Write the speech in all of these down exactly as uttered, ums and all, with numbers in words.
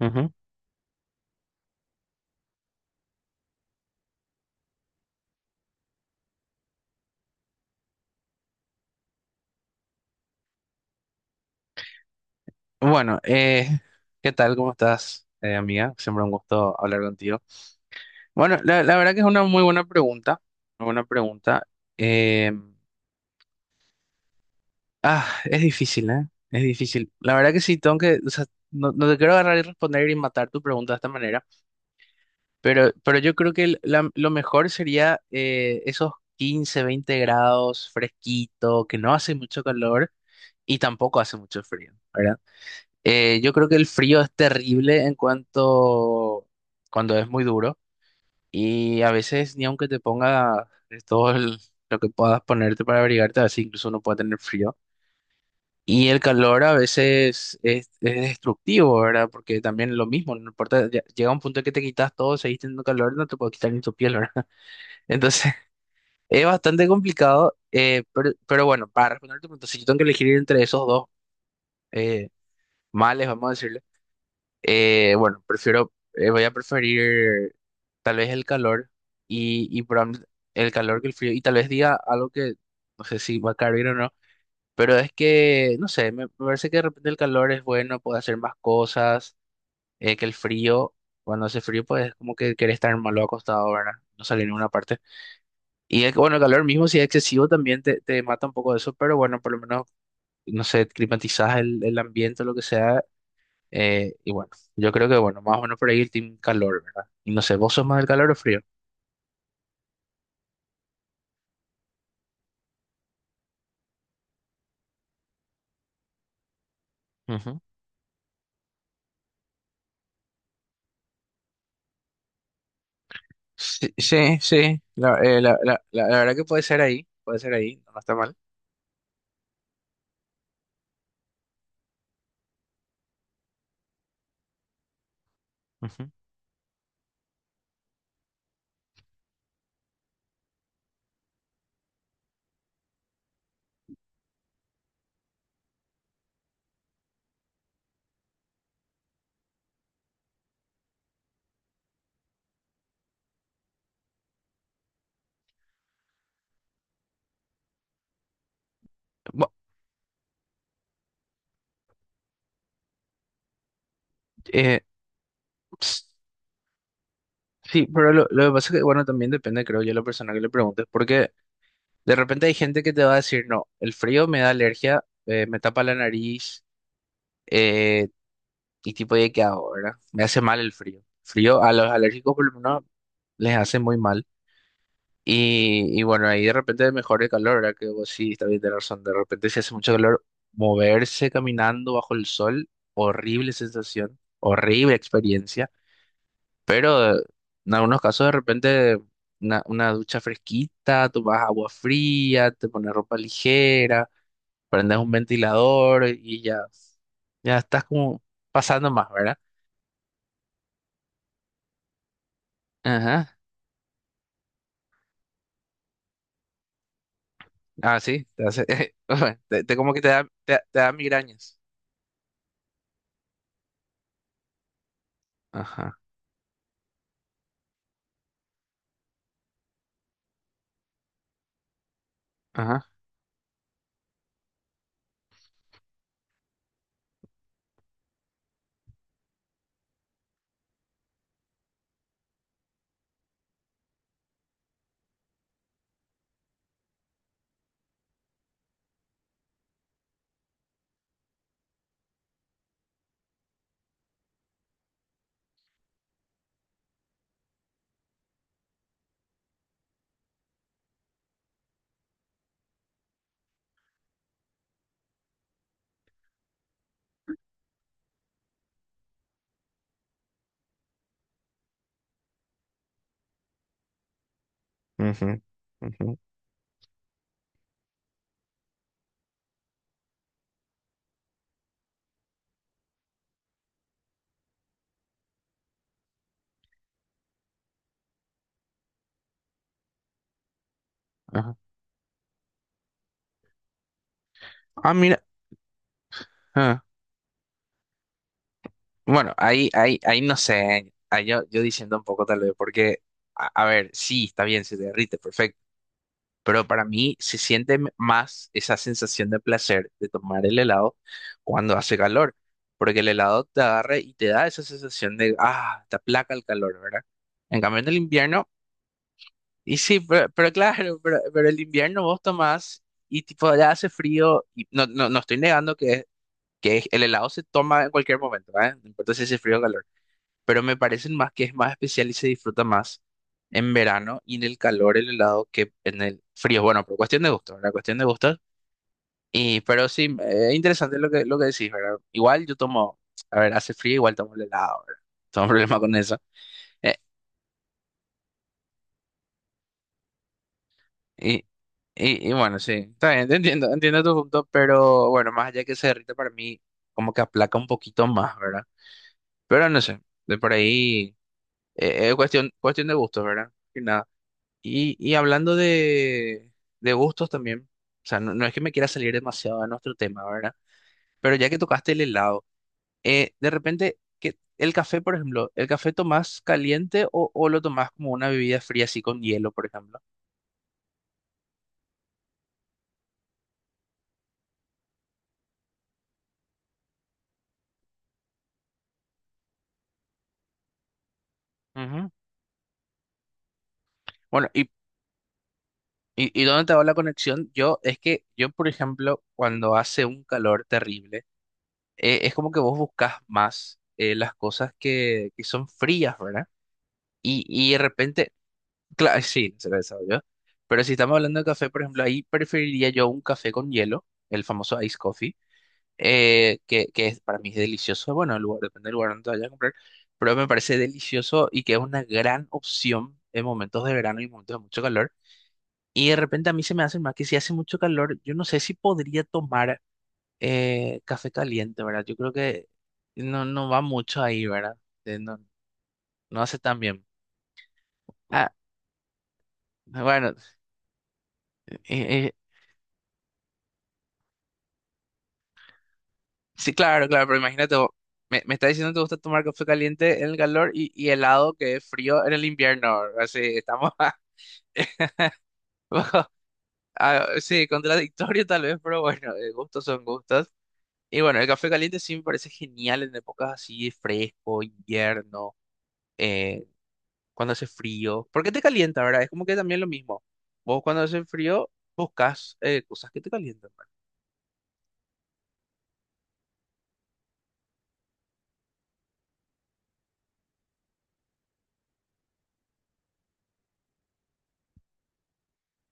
Ujú. Bueno, eh, ¿qué tal? ¿Cómo estás, eh, amiga? Siempre un gusto hablar contigo. Bueno, la, la verdad que es una muy buena pregunta, una buena pregunta. Eh, ah, es difícil, ¿eh? Es difícil. La verdad que sí, tengo que, o sea, no, no te quiero agarrar y responder y matar tu pregunta de esta manera, pero, pero yo creo que el- la- lo mejor sería eh, esos quince, veinte grados, fresquito, que no hace mucho calor y tampoco hace mucho frío, ¿verdad? Eh, yo creo que el frío es terrible en cuanto cuando es muy duro y a veces ni aunque te ponga de todo el- lo que puedas ponerte para abrigarte, a veces incluso uno puede tener frío. Y el calor a veces es, es destructivo, ¿verdad? Porque también lo mismo, no importa, ya- llega un punto que te quitas todo, seguís teniendo calor, no te puedes quitar ni tu piel, ¿verdad? Entonces es bastante complicado, eh, pero, pero bueno, para responder tu pregunta, si yo tengo que elegir entre esos dos eh, males, vamos a decirlo. Eh, bueno, prefiero, eh, voy a preferir tal vez el calor y, y probablemente el calor que el frío. Y tal vez diga algo que no sé si va a caer bien o no, pero es que, no sé, me, me parece que de repente el calor es bueno, puede hacer más cosas, eh, que el frío, cuando hace frío, pues es como que querés estar malo acostado, ¿verdad? No salir en ninguna parte. Y es que, bueno, el calor mismo, si es excesivo, también te, te mata un poco de eso, pero bueno, por lo menos, no sé, climatizás el, el ambiente o lo que sea eh, y bueno, yo creo que, bueno, más o menos por ahí el team calor, ¿verdad? Y no sé, ¿vos sos más del calor o frío? Ujú. Sí, sí, sí. La, eh, la, la, la, la verdad que puede ser ahí, puede ser ahí, no está mal. Ujú. Bu- eh, ps- sí, pero lo, lo que pasa es que, bueno, también depende, creo yo, la persona que le preguntes, porque de repente hay gente que te va a decir, no, el frío me da alergia, eh, me tapa la nariz, eh, y tipo, de qué hago, ¿verdad? Me hace mal el frío. Frío a los alérgicos por lo menos les hace muy mal. Y, y bueno, ahí de repente mejor el calor, ¿verdad? Que vos sí, está bien, tenés razón. De repente si hace mucho calor, moverse caminando bajo el sol, horrible sensación, horrible experiencia. Pero eh, en algunos casos de repente una, una ducha fresquita, tomás agua fría, te pones ropa ligera, prendes un ventilador y ya, ya estás como pasando más, ¿verdad? Ajá. Ah, sí, te hace, te, te- como que te da, te, te da migrañas. Ajá, ajá. Ujú, ujú, ajá. Ah, mira. Ah. Bueno, ahí, ahí, ahí no sé. Ahí yo, yo diciendo un poco tal vez, porque, a, a ver, sí, está bien, se derrite, perfecto. Pero para mí se siente m- más esa sensación de placer de tomar el helado cuando hace calor. Porque el helado te agarra y te da esa sensación de, ah, te aplaca el calor, ¿verdad? En cambio, en el invierno, y sí, pero, pero claro, pero, pero el invierno vos tomás y tipo ya hace frío, y no, no, no estoy negando que que es- el helado se toma en cualquier momento, ¿eh? No importa si hace frío o calor, pero me parecen más que es más especial y se disfruta más en verano y en el calor el helado que en el frío. Bueno, por cuestión de gusto, ¿verdad? Cuestión de gustos. Y, pero sí, eh, es interesante lo que, lo que decís, ¿verdad? Igual yo tomo, a ver, hace frío, igual tomo el helado, ¿verdad? Tengo un problema con eso. Eh, y, y, y bueno, sí, está bien, te entiendo, entiendo tu punto, pero bueno, más allá que se derrita para mí, como que aplaca un poquito más, ¿verdad? Pero no sé, de por ahí. Eh, es cuestión, cuestión de gustos, ¿verdad? Y nada. Y, y hablando de, de gustos también, o sea, no, no es que me quiera salir demasiado de nuestro tema, ¿verdad? Pero ya que tocaste el helado, eh, de repente, ¿qué- el café, por ejemplo, ¿el café tomás caliente o, o lo tomás como una bebida fría así con hielo, por ejemplo? Ujú. Bueno, y, y, y dónde te va la conexión? Yo, es que yo, por ejemplo, cuando hace un calor terrible, eh, es como que vos buscas más eh, las cosas que, que son frías, ¿verdad? Y, y de repente Claro, sí, se lo he sabido yo. Pero si estamos hablando de café, por ejemplo, ahí preferiría yo un café con hielo, el famoso ice coffee, eh, que, que es, para mí es delicioso. Bueno, el lugar, depende del lugar donde te vayas a comprar, pero me parece delicioso y que es una gran opción en momentos de verano y momentos de mucho calor. Y de repente a mí se me hace más que si hace mucho calor, yo no sé si podría tomar eh, café caliente, ¿verdad? Yo creo que no, no va mucho ahí, ¿verdad? Eh, No, no hace tan bien. Ah, bueno. Eh, eh, Sí, claro, claro, pero imagínate, vos, me, me está diciendo que te gusta tomar café caliente en el calor y, y helado que es frío en el invierno. Así estamos. bajo- ah, sí, contradictorio tal vez, pero bueno, eh, gustos son gustos. Y bueno, el café caliente sí me parece genial en épocas así de fresco, invierno, eh, cuando hace frío. Porque te calienta, ¿verdad? Es como que también lo mismo. Vos cuando hace frío buscas eh, cosas que te calientan.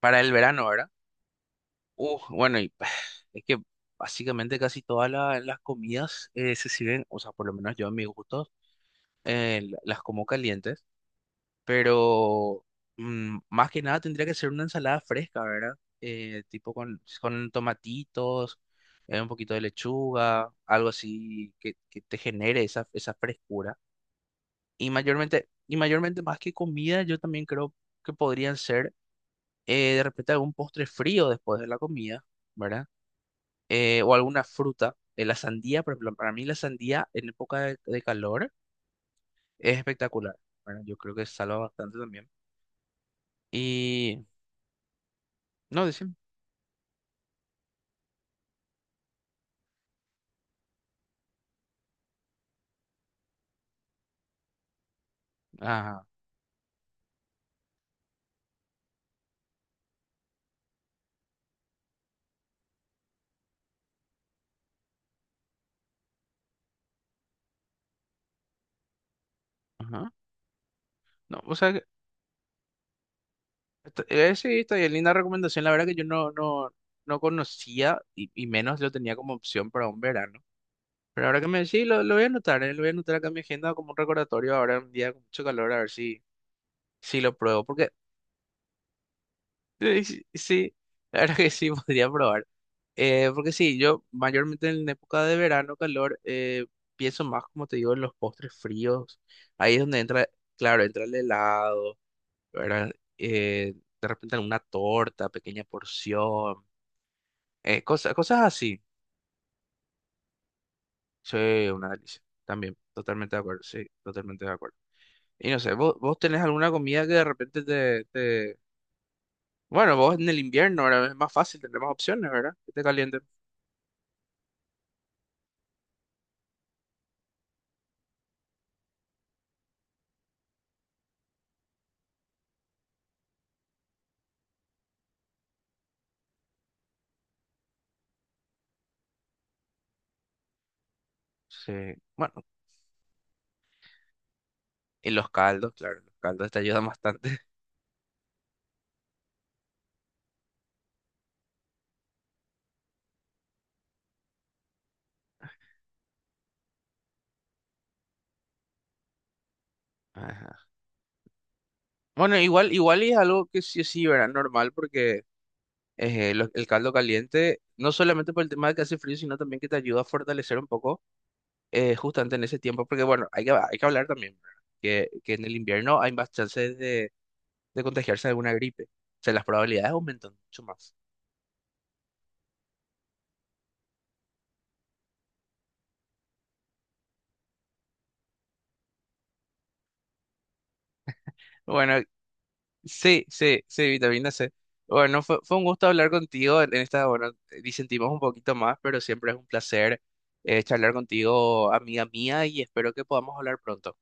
Para el verano, ¿verdad? Uh, bueno, y es que básicamente casi todas la- las comidas eh, se sirven, o sea, por lo menos yo en mis gustos, eh, la- las como calientes, pero mm, más que nada tendría que ser una ensalada fresca, ¿verdad? Eh, tipo con, con tomatitos, eh, un poquito de lechuga, algo así que, que te genere esa, esa frescura. Y mayormente, y mayormente más que comida, yo también creo que podrían ser eh, de repente algún postre frío después de la comida, ¿verdad? eh, o alguna fruta. Eh, la sandía, por ejemplo, para mí la sandía en época de, de calor es espectacular. Bueno, yo creo que salva bastante también. Y no, decime. Ajá, ajá. No, o sea, que esto- eh, sí, está bien, linda recomendación. La verdad que yo no, no, no conocía y, y menos lo tenía como opción para un verano. Pero ahora que me decís, lo, lo voy a anotar, eh, lo voy a anotar acá en mi agenda como un recordatorio ahora un día con mucho calor, a ver si, si lo pruebo. Porque Eh, Sí, sí, la verdad que sí, podría probar. Eh, porque sí, yo mayormente en la época de verano, calor, eh, pienso más, como te digo, en los postres fríos. Ahí es donde entra, claro, entra el helado, ¿verdad? Eh, de repente alguna torta, pequeña porción, eh, cosas, cosas así. Sí, una delicia. También, totalmente de acuerdo, sí, totalmente de acuerdo. Y no sé, ¿vos, vos tenés alguna comida que de repente te, te... Bueno, vos en el invierno, ahora es más fácil, tenés opciones, ¿verdad? Que te caliente. Sí. Bueno, y los caldos, claro, los caldos te ayudan bastante. Ajá. Bueno, igual, igual y es algo que sí, sí, ¿verdad? Normal, porque eh, lo- el caldo caliente, no solamente por el tema de que hace frío, sino también que te ayuda a fortalecer un poco eh, justamente en ese tiempo, porque bueno, hay que, hay que hablar también, ¿verdad? Que, que en el invierno hay más chances de, de contagiarse de alguna gripe. O sea, las probabilidades aumentan mucho más. Bueno, sí, sí, sí, vitamina ce. Bueno, fue, fue un gusto hablar contigo en en esta, bueno, disentimos un poquito más, pero siempre es un placer eh, charlar contigo, amiga mía, y espero que podamos hablar pronto.